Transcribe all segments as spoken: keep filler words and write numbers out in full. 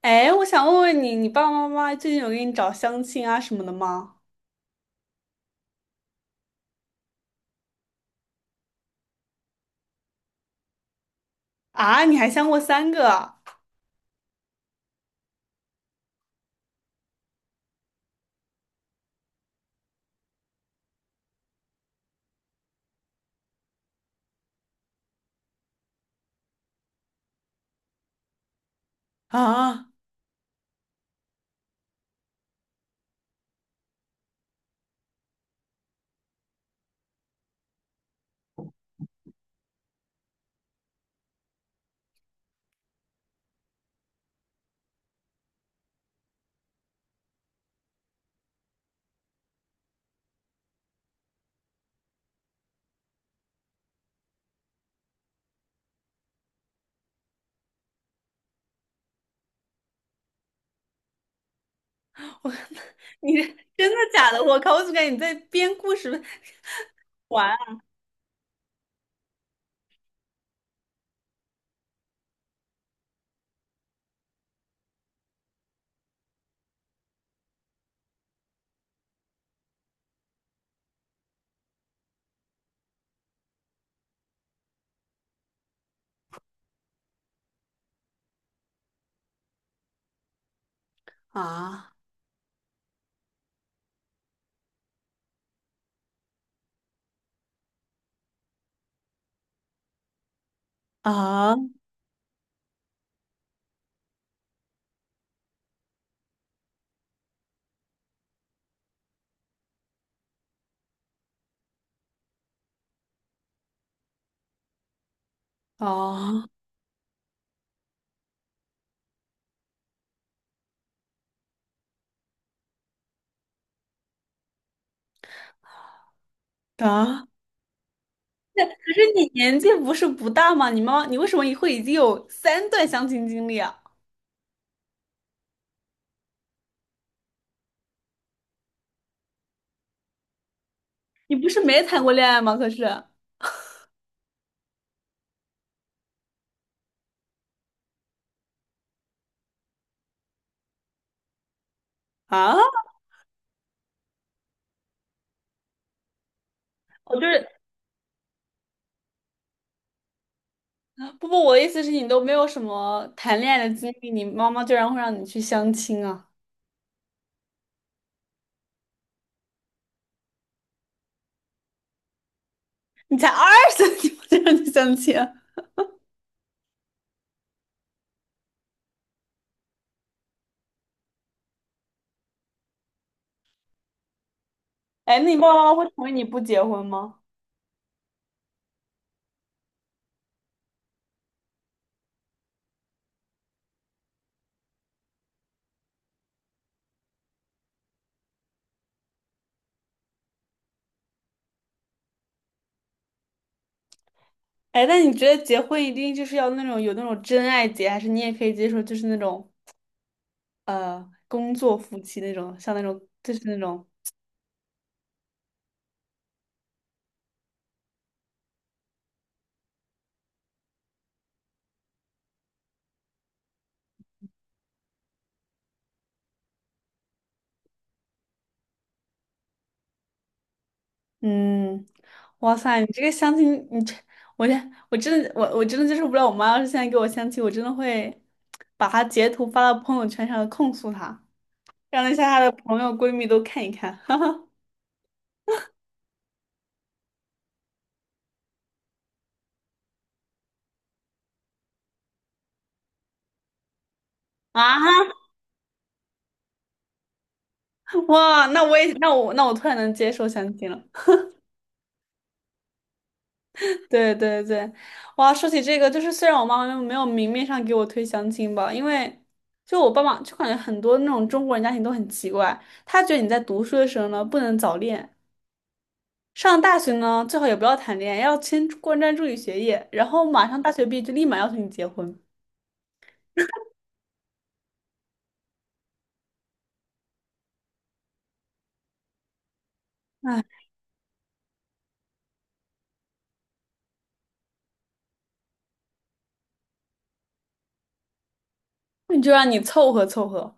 哎，我想问问你，你爸爸妈妈最近有给你找相亲啊什么的吗？啊，你还相过三个啊？啊我，你这真的假的？我靠，我怎么感觉你在编故事玩啊啊啊啊！啊，可是你年纪不是不大吗？你妈妈，你为什么会已经有三段相亲经历啊？你不是没谈过恋爱吗？可是啊，我就是不不，我的意思是你都没有什么谈恋爱的经历，你妈妈居然会让你去相亲啊？你才二十，你不就让你相亲？哎，那你爸爸妈妈会同意你不结婚吗？哎，那你觉得结婚一定就是要那种有那种真爱结，还是你也可以接受就是那种呃工作夫妻那种，像那种就是那种。嗯，哇塞，你这个相亲，你这我这我真的我我真的接受不了，我妈要是现在给我相亲，我真的会把她截图发到朋友圈上控诉她，让那些她的朋友闺蜜都看一看，哈哈。啊，哇，那我也那我那我突然能接受相亲了。对对对，哇，说起这个，就是虽然我妈妈没有明面上给我推相亲吧，因为就我爸妈就感觉很多那种中国人家庭都很奇怪，他觉得你在读书的时候呢不能早恋，上大学呢最好也不要谈恋爱，要先关专注于学业，然后马上大学毕业就立马要求你结婚，你就让你凑合凑合。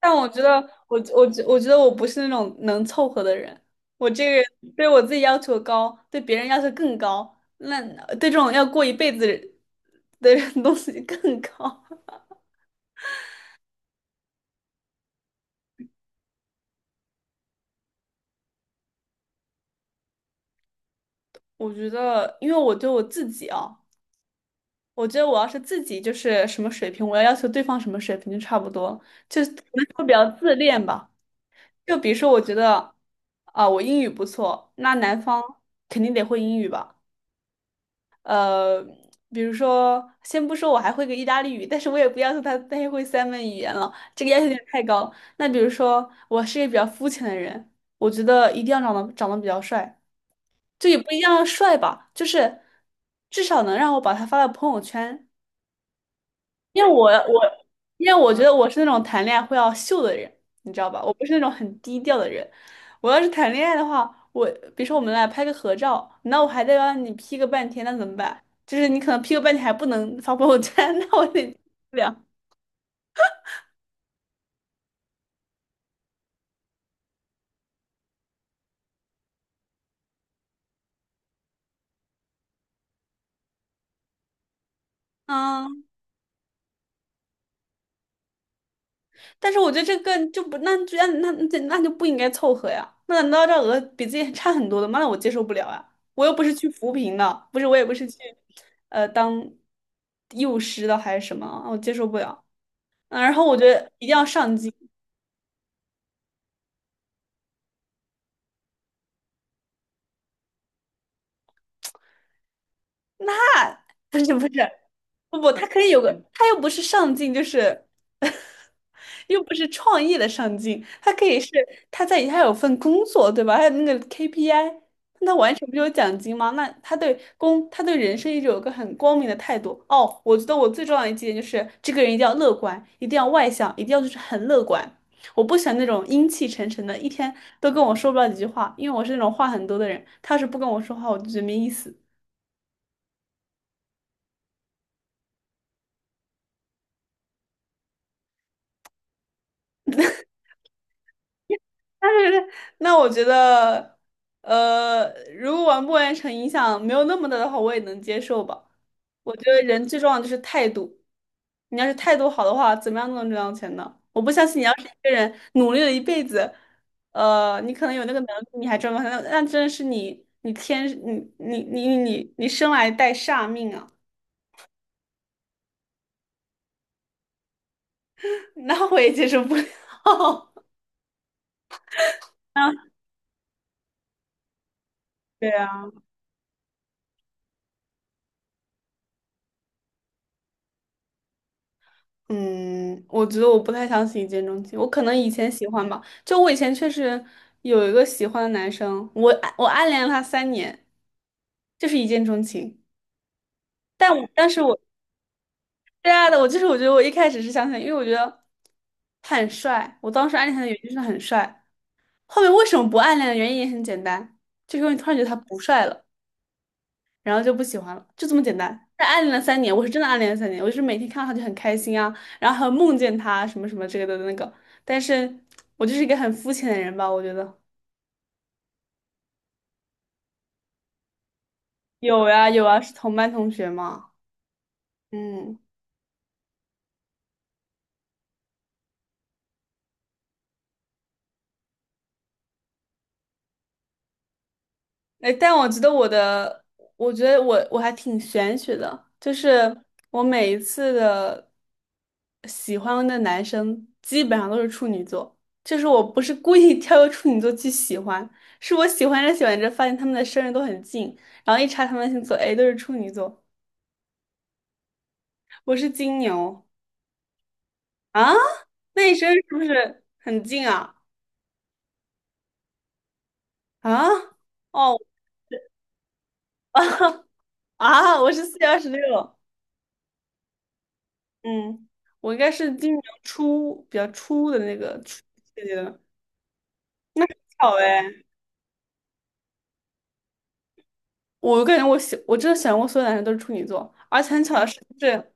但我觉得，我我觉我觉得我不是那种能凑合的人。我这个人对我自己要求高，对别人要求更高，那对这种要过一辈子的人东西更高。我觉得，因为我对我自己啊，我觉得我要是自己就是什么水平，我要要求对方什么水平就差不多，就是可能会比较自恋吧。就比如说，我觉得啊，我英语不错，那男方肯定得会英语吧。比如说，先不说我还会个意大利语，但是我也不要求他太会三门语言了，这个要求有点太高了。那比如说，我是一个比较肤浅的人，我觉得一定要长得长得比较帅，就也不一定要帅吧，就是至少能让我把他发到朋友圈。因为我我因为我觉得我是那种谈恋爱会要秀的人，你知道吧？我不是那种很低调的人。我要是谈恋爱的话，我比如说我们俩拍个合照，那我还得让你 P 个半天，那怎么办？就是你可能 P 个半天还不能发朋友圈，那我得不了。嗯，但是我觉得这个就不，那就那那那那就不应该凑合呀。那难道这额比自己差很多的吗？那我接受不了啊！我又不是去扶贫的，不是我也不是去呃当幼师的还是什么，我接受不了。嗯，然后我觉得一定要上进。不是不是，不不，他可以有个，他又不是上进，就是 又不是创业的上进，他可以是他在他有份工作，对吧？还有那个 K P I,那他完全不就有奖金吗？那他对工，他对人生一直有个很光明的态度。哦，我觉得我最重要的一点就是这个人一定要乐观，一定要外向，一定要就是很乐观。我不喜欢那种阴气沉沉的，一天都跟我说不了几句话，因为我是那种话很多的人，他要是不跟我说话，我就觉得没意思。但是，那我觉得，呃，如果完不完成影响没有那么大的话，我也能接受吧。我觉得人最重要的就是态度，你要是态度好的话，怎么样都能赚到钱的。我不相信你要是一个人努力了一辈子，呃，你可能有那个能力，你还赚不到钱，那那真的是你你天你你你你你生来带煞命啊，那我也接受不了。啊对啊。嗯，我觉得我不太相信一见钟情，我可能以前喜欢吧，就我以前确实有一个喜欢的男生，我暗我暗恋了他三年，就是一见钟情，但我但是我，对啊的，我就是我觉得我一开始是相信，因为我觉得他很帅，我当时暗恋他的原因就是他很帅，后面为什么不暗恋的原因也很简单，就是因为突然觉得他不帅了。然后就不喜欢了，就这么简单。但暗恋了三年，我是真的暗恋了三年，我就是每天看到他就很开心啊，然后还有梦见他什么什么之类的那个。但是我就是一个很肤浅的人吧，我觉得有呀有啊，是同班同学嘛，嗯。哎，但我觉得我的，我觉得我我还挺玄学的，就是我每一次的喜欢的男生基本上都是处女座，就是我不是故意 挑个处女座去喜欢，是我喜欢着喜欢着发现他们的生日都很近，然后一查他们的星座，哎，都是处女座，我是金牛啊，那你生日是不是很近啊？啊，哦，啊，我是四月二十六。嗯，我应该是今年初比较初的那个初季的，巧哎。我感觉我喜，我真的喜欢过所有男生都是处女座，而且很巧的是，就是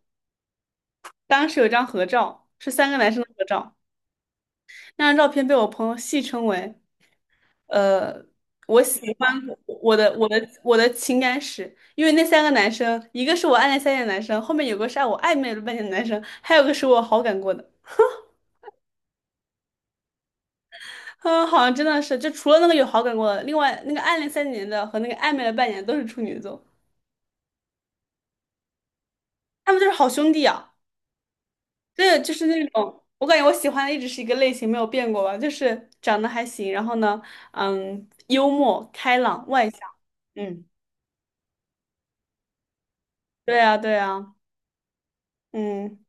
当时有一张合照，是三个男生的合照，那张照片被我朋友戏称为。呃，我喜欢我的我的我的情感史，因为那三个男生，一个是我暗恋三年的男生，后面有个是啊我暧昧了半年的男生，还有个是我好感过的。嗯，好像真的是，就除了那个有好感过的，另外那个暗恋三年的和那个暧昧了半年都是处女座，他们就是好兄弟啊。对，就是那种，我感觉我喜欢的一直是一个类型，没有变过吧，就是长得还行，然后呢，嗯，幽默、开朗、外向。嗯，对啊，对啊，嗯，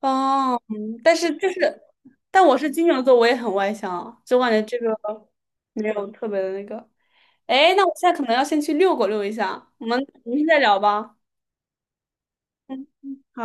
哦，嗯但是就是，但我是金牛座，我也很外向啊，就我感觉这个没有特别的那个。哎，那我现在可能要先去遛狗遛一下，我们明天再聊吧。嗯，好。